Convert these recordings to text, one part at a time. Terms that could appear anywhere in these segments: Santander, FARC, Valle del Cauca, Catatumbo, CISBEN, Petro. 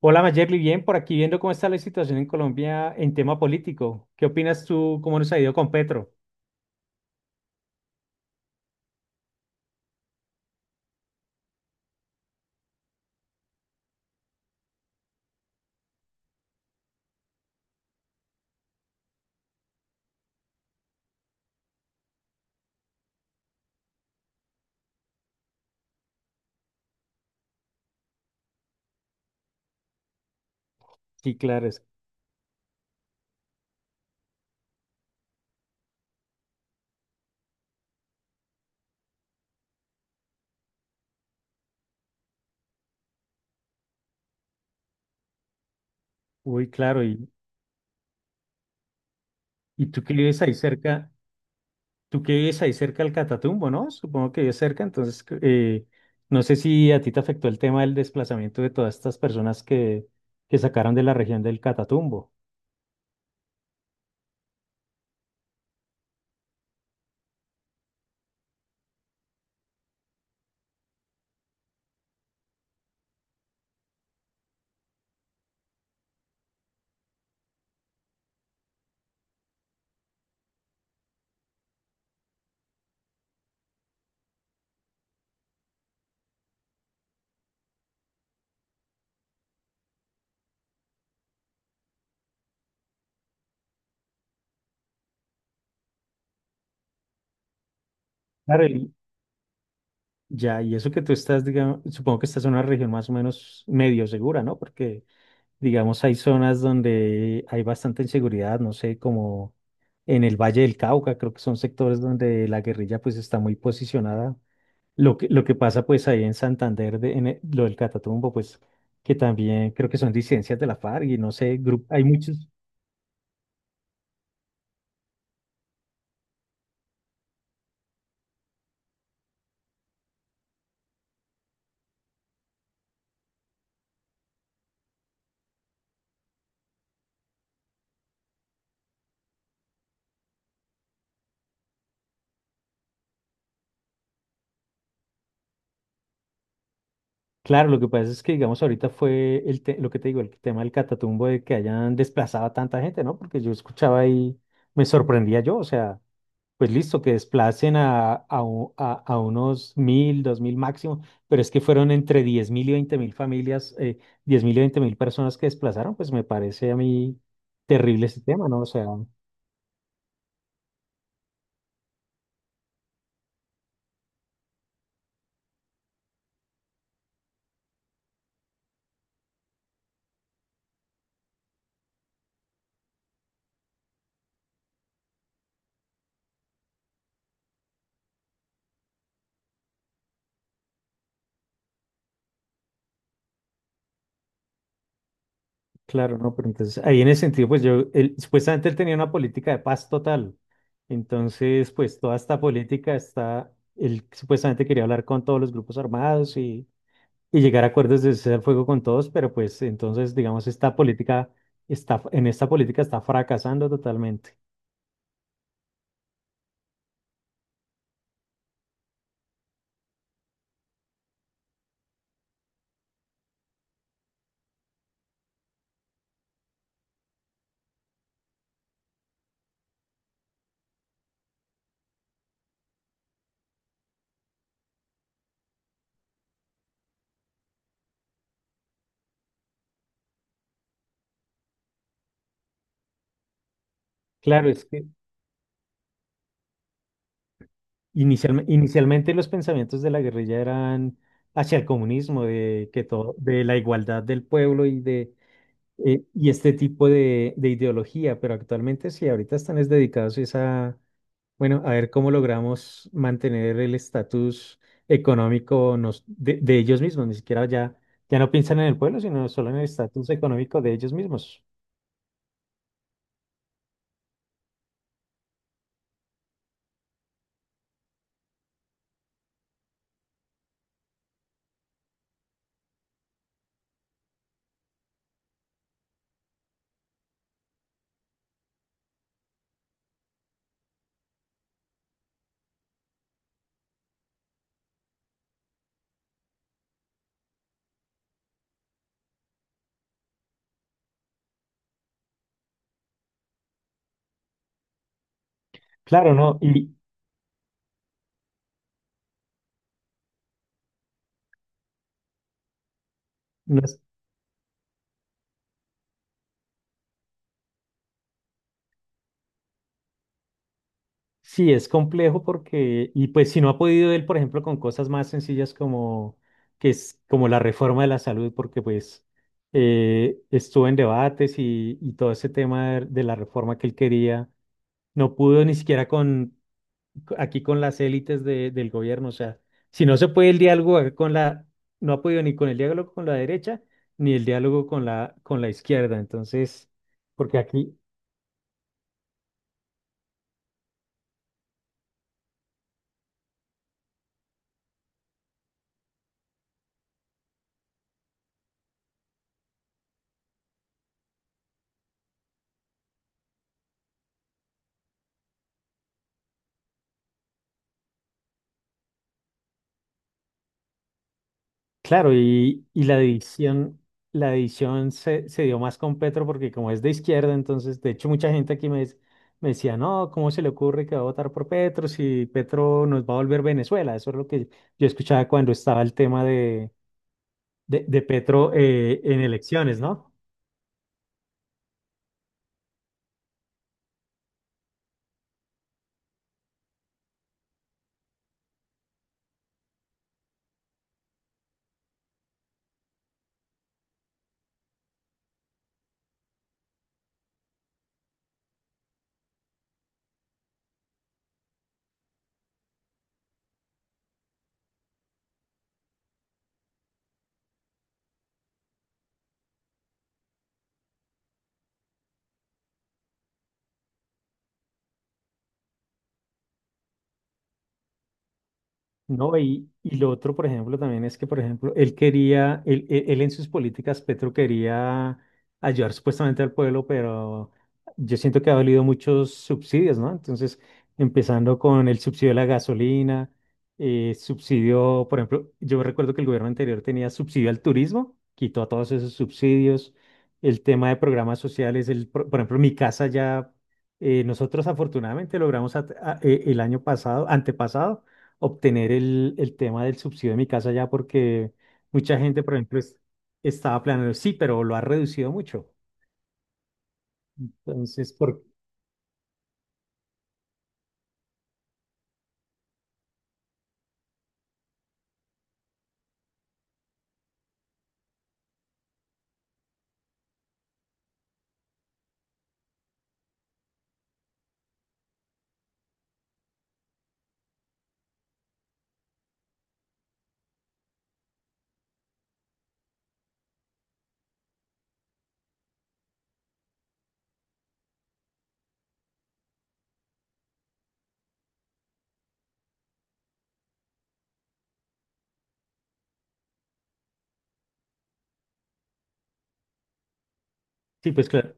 Hola Mayerly, bien, por aquí viendo cómo está la situación en Colombia en tema político. ¿Qué opinas tú? ¿Cómo nos ha ido con Petro? Sí, claro, es. Uy, claro, y tú que vives ahí cerca del Catatumbo, ¿no? Supongo que vives cerca, entonces no sé si a ti te afectó el tema del desplazamiento de todas estas personas que sacaron de la región del Catatumbo. Claro, y ya, y eso que tú estás, digamos, supongo que estás en una región más o menos medio segura, ¿no? Porque digamos, hay zonas donde hay bastante inseguridad, no sé, como en el Valle del Cauca, creo que son sectores donde la guerrilla pues está muy posicionada. Lo que pasa pues ahí en Santander, lo del Catatumbo, pues que también creo que son disidencias de la FARC y no sé, hay muchos. Claro, lo que pasa es que digamos ahorita fue lo que te digo, el tema del Catatumbo de que hayan desplazado a tanta gente, ¿no? Porque yo escuchaba y me sorprendía yo, o sea, pues listo, que desplacen a unos 1000, 2000 máximo, pero es que fueron entre 10.000 y 20.000 familias, 10.000 y 20.000 personas que desplazaron, pues me parece a mí terrible ese tema, ¿no? O sea, claro, ¿no? Pero entonces ahí en ese sentido, pues yo, supuestamente él tenía una política de paz total, entonces pues toda esta política está, él supuestamente quería hablar con todos los grupos armados y llegar a acuerdos de cesar el fuego con todos, pero pues entonces, digamos, en esta política está fracasando totalmente. Claro, es que inicialmente los pensamientos de la guerrilla eran hacia el comunismo, de que todo, de la igualdad del pueblo y este tipo de, ideología, pero actualmente sí, ahorita están es dedicados es a, bueno, a ver cómo logramos mantener el estatus económico de ellos mismos. Ni siquiera ya, ya no piensan en el pueblo, sino solo en el estatus económico de ellos mismos. Claro, ¿no? Y no es- sí, es complejo porque, y pues si no ha podido él, por ejemplo, con cosas más sencillas como, que es, como la reforma de la salud, porque pues estuvo en debates y todo ese tema de la reforma que él quería, no pudo ni siquiera con, aquí con las élites del gobierno. O sea, si no se puede el diálogo con la, no ha podido ni con el diálogo con la derecha, ni el diálogo con la, izquierda. Entonces, porque aquí, claro, y la división se dio más con Petro porque como es de izquierda, entonces, de hecho, mucha gente aquí me decía, no, ¿cómo se le ocurre que va a votar por Petro si Petro nos va a volver Venezuela? Eso es lo que yo escuchaba cuando estaba el tema de Petro en elecciones, ¿no? No, y lo otro, por ejemplo, también es que, por ejemplo, él en sus políticas, Petro quería ayudar supuestamente al pueblo, pero yo siento que ha valido muchos subsidios, ¿no? Entonces, empezando con el subsidio de la gasolina, subsidio, por ejemplo, yo recuerdo que el gobierno anterior tenía subsidio al turismo, quitó todos esos subsidios, el tema de programas sociales, por ejemplo, mi casa ya, nosotros afortunadamente logramos el año pasado, antepasado, obtener el tema del subsidio de mi casa ya porque mucha gente, por ejemplo, estaba planeando, sí, pero lo ha reducido mucho. Entonces, por, sí, pues claro.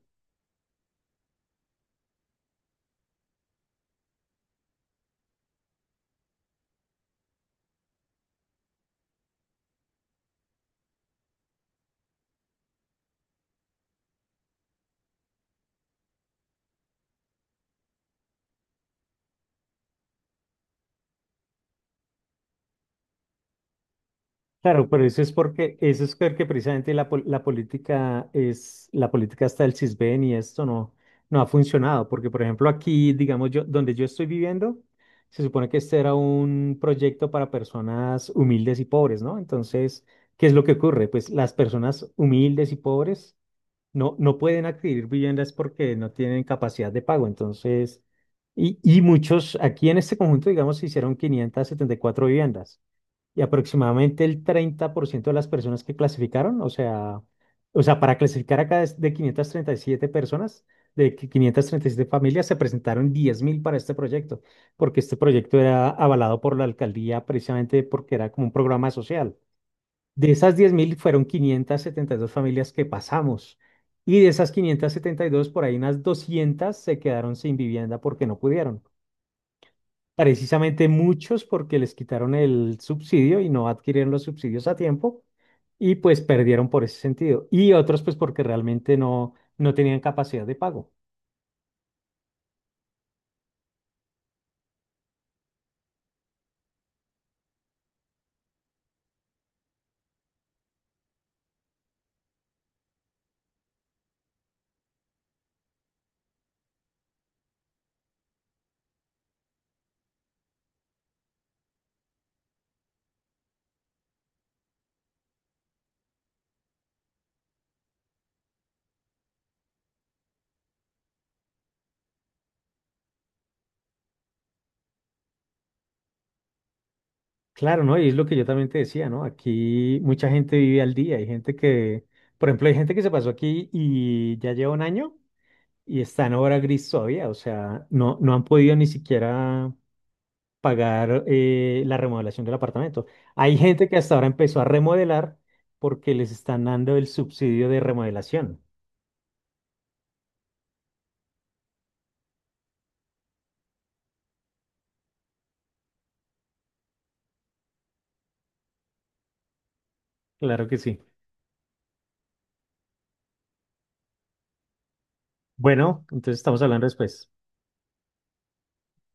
Claro, pero eso es porque precisamente la política es, la política hasta el CISBEN y esto no, ha funcionado, porque por ejemplo aquí, digamos yo, donde yo estoy viviendo, se supone que este era un proyecto para personas humildes y pobres, ¿no? Entonces, ¿qué es lo que ocurre? Pues las personas humildes y pobres no, pueden adquirir viviendas porque no tienen capacidad de pago, entonces, y muchos, aquí en este conjunto, digamos, se hicieron 574 viviendas. Y aproximadamente el 30% de las personas que clasificaron, o sea, para clasificar acá es de 537 personas, 537 familias, se presentaron 10.000 para este proyecto, porque este proyecto era avalado por la alcaldía precisamente porque era como un programa social. De esas 10.000 fueron 572 familias que pasamos. Y de esas 572 por ahí unas 200 se quedaron sin vivienda porque no pudieron, precisamente muchos porque les quitaron el subsidio y no adquirieron los subsidios a tiempo y pues perdieron por ese sentido. Y otros pues porque realmente no, tenían capacidad de pago. Claro, ¿no? Y es lo que yo también te decía, ¿no? Aquí mucha gente vive al día. Hay gente que, por ejemplo, hay gente que se pasó aquí y ya lleva un año y está en obra gris todavía. O sea, no, han podido ni siquiera pagar la remodelación del apartamento. Hay gente que hasta ahora empezó a remodelar porque les están dando el subsidio de remodelación. Claro que sí. Bueno, entonces estamos hablando después.